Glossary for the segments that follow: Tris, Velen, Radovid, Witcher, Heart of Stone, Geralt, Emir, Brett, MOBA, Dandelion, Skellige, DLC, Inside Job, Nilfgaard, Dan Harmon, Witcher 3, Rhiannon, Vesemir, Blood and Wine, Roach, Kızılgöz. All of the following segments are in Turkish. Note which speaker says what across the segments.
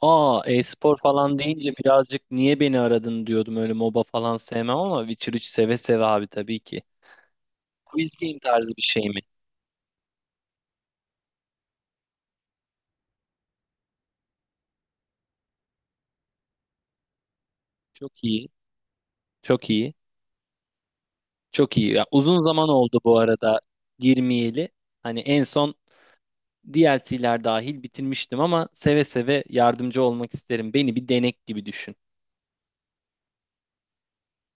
Speaker 1: Aa, e-spor falan deyince birazcık niye beni aradın diyordum. Öyle MOBA falan sevmem ama Witcher 3 seve seve abi tabii ki. Quiz game tarzı bir şey mi? Çok iyi. Çok iyi. Çok iyi. Ya, uzun zaman oldu bu arada girmeyeli. Hani en son DLC'ler dahil bitirmiştim ama seve seve yardımcı olmak isterim. Beni bir denek gibi düşün.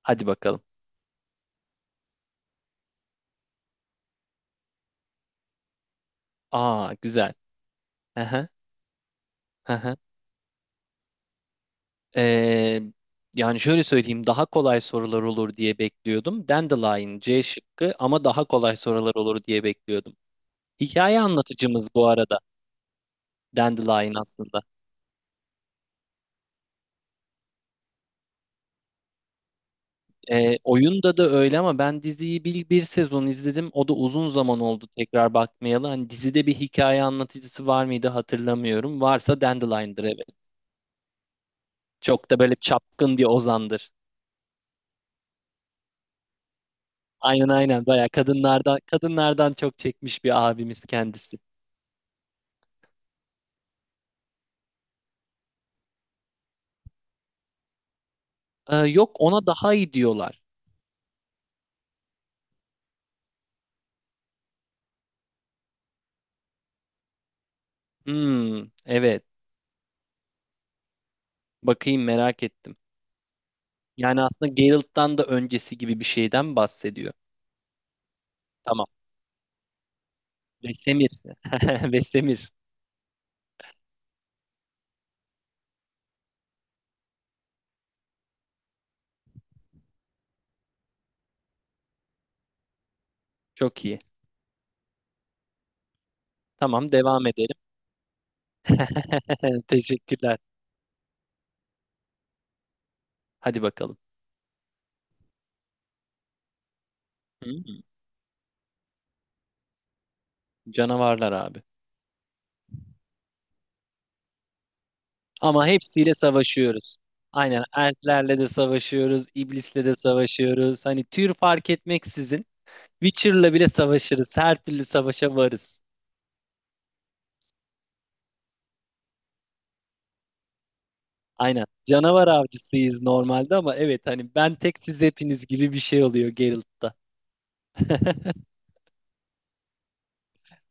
Speaker 1: Hadi bakalım. Aa, güzel. Hı hı, hı hı. Ee, Yani şöyle söyleyeyim, daha kolay sorular olur diye bekliyordum. Dandelion C şıkkı, ama daha kolay sorular olur diye bekliyordum. Hikaye anlatıcımız bu arada Dandelion aslında. Oyunda da öyle, ama ben diziyi bir sezon izledim. O da uzun zaman oldu tekrar bakmayalı. Hani dizide bir hikaye anlatıcısı var mıydı hatırlamıyorum. Varsa Dandelion'dır, evet. Çok da böyle çapkın bir ozandır. Aynen aynen, bayağı kadınlardan çok çekmiş bir abimiz kendisi. Yok, ona daha iyi diyorlar. Hmm, evet. Bakayım, merak ettim. Yani aslında Geralt'tan da öncesi gibi bir şeyden bahsediyor. Tamam. Vesemir. Vesemir. Çok iyi. Tamam, devam edelim. Teşekkürler. Hadi bakalım. Hmm, canavarlar abi. Ama hepsiyle savaşıyoruz. Aynen, elflerle de savaşıyoruz, iblisle de savaşıyoruz. Hani tür fark etmeksizin Witcher'la bile savaşırız. Her türlü savaşa varız. Aynen. Canavar avcısıyız normalde, ama evet, hani ben tek, siz hepiniz gibi bir şey oluyor Geralt'ta.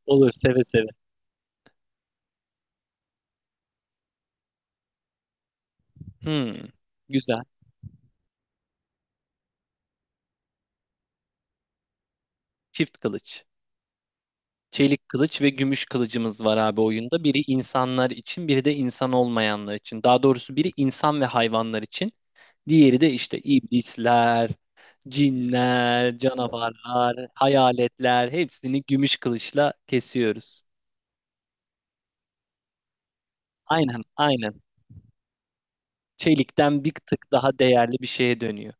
Speaker 1: Olur, seve seve. Hmm, güzel. Çift kılıç. Çelik kılıç ve gümüş kılıcımız var abi oyunda. Biri insanlar için, biri de insan olmayanlar için. Daha doğrusu biri insan ve hayvanlar için. Diğeri de işte iblisler, cinler, canavarlar, hayaletler, hepsini gümüş kılıçla kesiyoruz. Aynen, aynen. Çelikten bir tık daha değerli bir şeye dönüyor.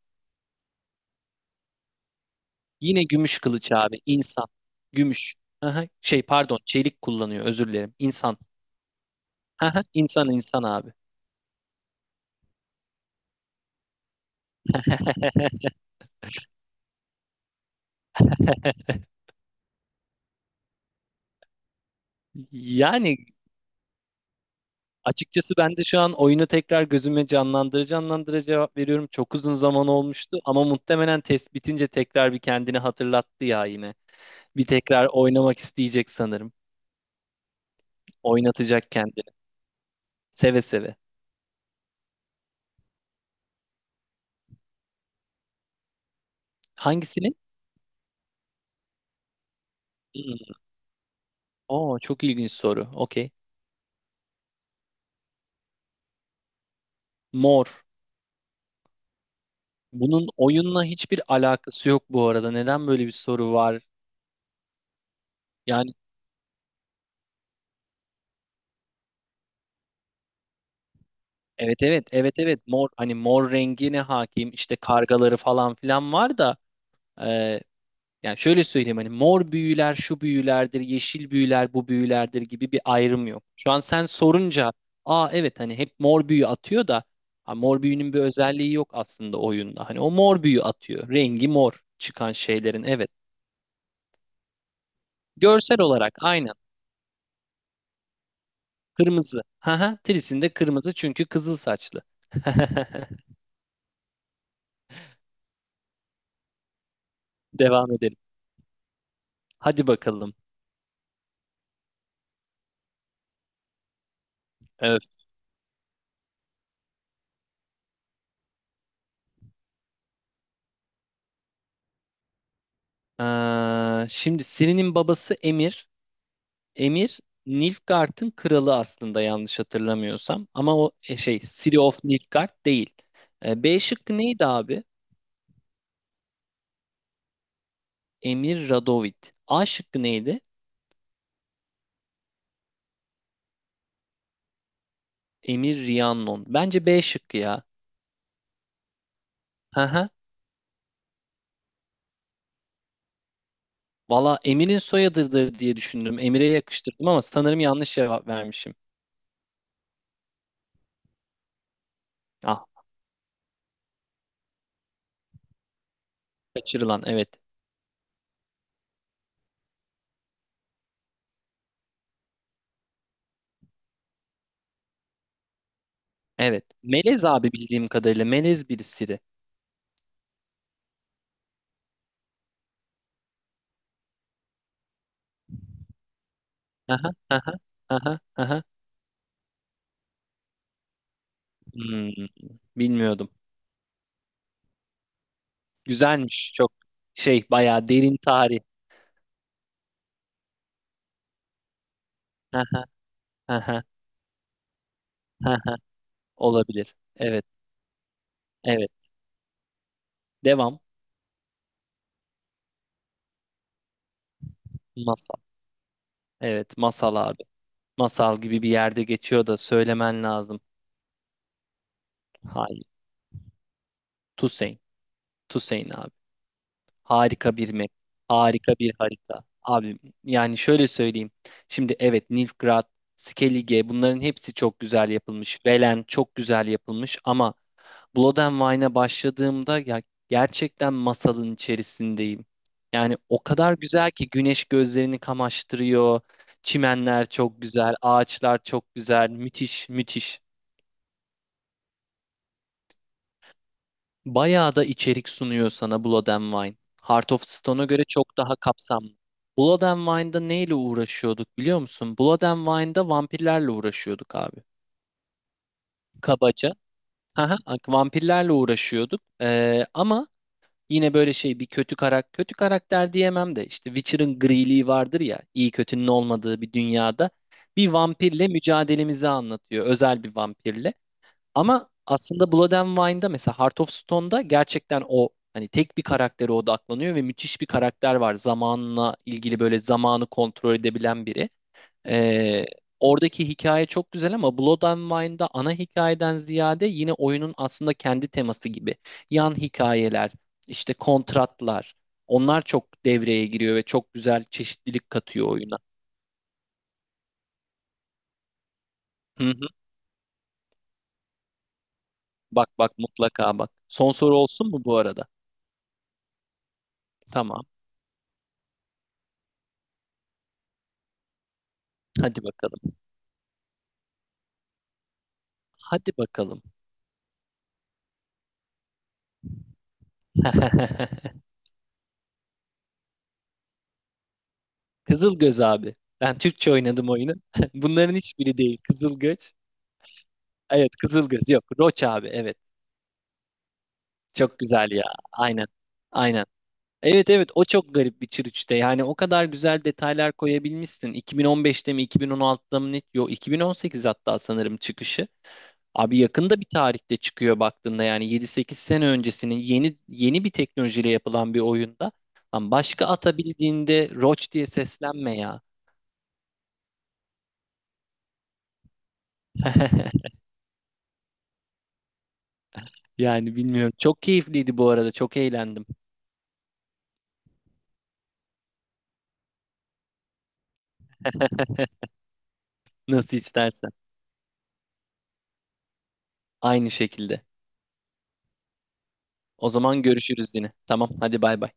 Speaker 1: Yine gümüş kılıç abi. İnsan. Gümüş. Aha, şey pardon, çelik kullanıyor, özür dilerim. İnsan. Aha, insan abi. Yani açıkçası ben de şu an oyunu tekrar gözüme canlandırıcı canlandıra cevap veriyorum. Çok uzun zaman olmuştu, ama muhtemelen test bitince tekrar bir kendini hatırlattı ya yine. Bir tekrar oynamak isteyecek sanırım. Oynatacak kendini. Seve seve. Hangisinin? Hmm. Oo, çok ilginç soru. Okey. Mor. Bunun oyunla hiçbir alakası yok bu arada. Neden böyle bir soru var? Yani evet evet evet evet, mor, hani mor rengine hakim, işte kargaları falan filan var da, e, yani şöyle söyleyeyim, hani mor büyüler şu büyülerdir, yeşil büyüler bu büyülerdir gibi bir ayrım yok. Şu an sen sorunca aa evet, hani hep mor büyü atıyor da, ha, mor büyünün bir özelliği yok aslında oyunda. Hani o mor büyü atıyor, rengi mor çıkan şeylerin, evet görsel olarak aynı. Kırmızı. Haha, Tris'in de kırmızı çünkü kızıl saçlı. Devam edelim. Hadi bakalım. Evet. Şimdi Siri'nin babası Emir. Emir Nilfgaard'ın kralı aslında, yanlış hatırlamıyorsam. Ama o şey, Siri of Nilfgaard değil. B şıkkı neydi abi? Emir Radovid. A şıkkı neydi? Emir Rhiannon. Bence B şıkkı ya. Haha. Valla Emir'in soyadıdır diye düşündüm. Emir'e yakıştırdım, ama sanırım yanlış cevap vermişim. Ah, kaçırılan, evet. Evet. Melez abi, bildiğim kadarıyla. Melez birisiri. Aha, aha, aha, aha. Hmm, bilmiyordum. Güzelmiş. Çok şey, bayağı derin tarih. Aha, aha, aha. Olabilir. Evet. Evet. Devam. Masal. Evet. Masal abi. Masal gibi bir yerde geçiyor da söylemen lazım. Hayır. Tusein. Tusein abi. Harika bir map. Harika bir harita. Abi yani şöyle söyleyeyim. Şimdi evet Nilfgaard, Skellige, bunların hepsi çok güzel yapılmış. Velen çok güzel yapılmış, ama Blood and Wine'a başladığımda ya, gerçekten masalın içerisindeyim. Yani o kadar güzel ki güneş gözlerini kamaştırıyor. Çimenler çok güzel, ağaçlar çok güzel. Müthiş, müthiş. Bayağı da içerik sunuyor sana Blood and Wine. Heart of Stone'a göre çok daha kapsamlı. Blood and Wine'da neyle uğraşıyorduk biliyor musun? Blood and Wine'da vampirlerle uğraşıyorduk abi. Kabaca. Aha, vampirlerle uğraşıyorduk. Ama yine böyle şey, bir kötü karakter, kötü karakter diyemem de, işte Witcher'ın griliği vardır ya, iyi kötünün olmadığı bir dünyada bir vampirle mücadelemizi anlatıyor. Özel bir vampirle. Ama aslında Blood and Wine'da, mesela Heart of Stone'da gerçekten o hani tek bir karaktere odaklanıyor ve müthiş bir karakter var. Zamanla ilgili böyle zamanı kontrol edebilen biri. Ee, Oradaki hikaye çok güzel, ama Blood and Wine'da ana hikayeden ziyade yine oyunun aslında kendi teması gibi. Yan hikayeler, işte kontratlar, onlar çok devreye giriyor ve çok güzel çeşitlilik katıyor oyuna. Hı hı. Bak bak, mutlaka bak. Son soru olsun mu bu arada? Tamam. Hadi bakalım. Hadi bakalım. Kızılgöz abi. Ben Türkçe oynadım oyunu. Bunların hiçbiri değil. Kızılgöz. Evet, Kızılgöz. Yok, Roç abi. Evet. Çok güzel ya. Aynen. Aynen. Evet evet, o çok garip bir çürüçte. Yani o kadar güzel detaylar koyabilmişsin. 2015'te mi 2016'da mı ne? Yok, 2018 hatta sanırım çıkışı. Abi yakında bir tarihte çıkıyor baktığında, yani 7-8 sene öncesinin yeni yeni bir teknolojiyle yapılan bir oyunda. Lan başka atabildiğinde Roach diye seslenme ya. Yani bilmiyorum. Çok keyifliydi bu arada. Çok eğlendim. Nasıl istersen. Aynı şekilde. O zaman görüşürüz yine. Tamam, hadi bay bay.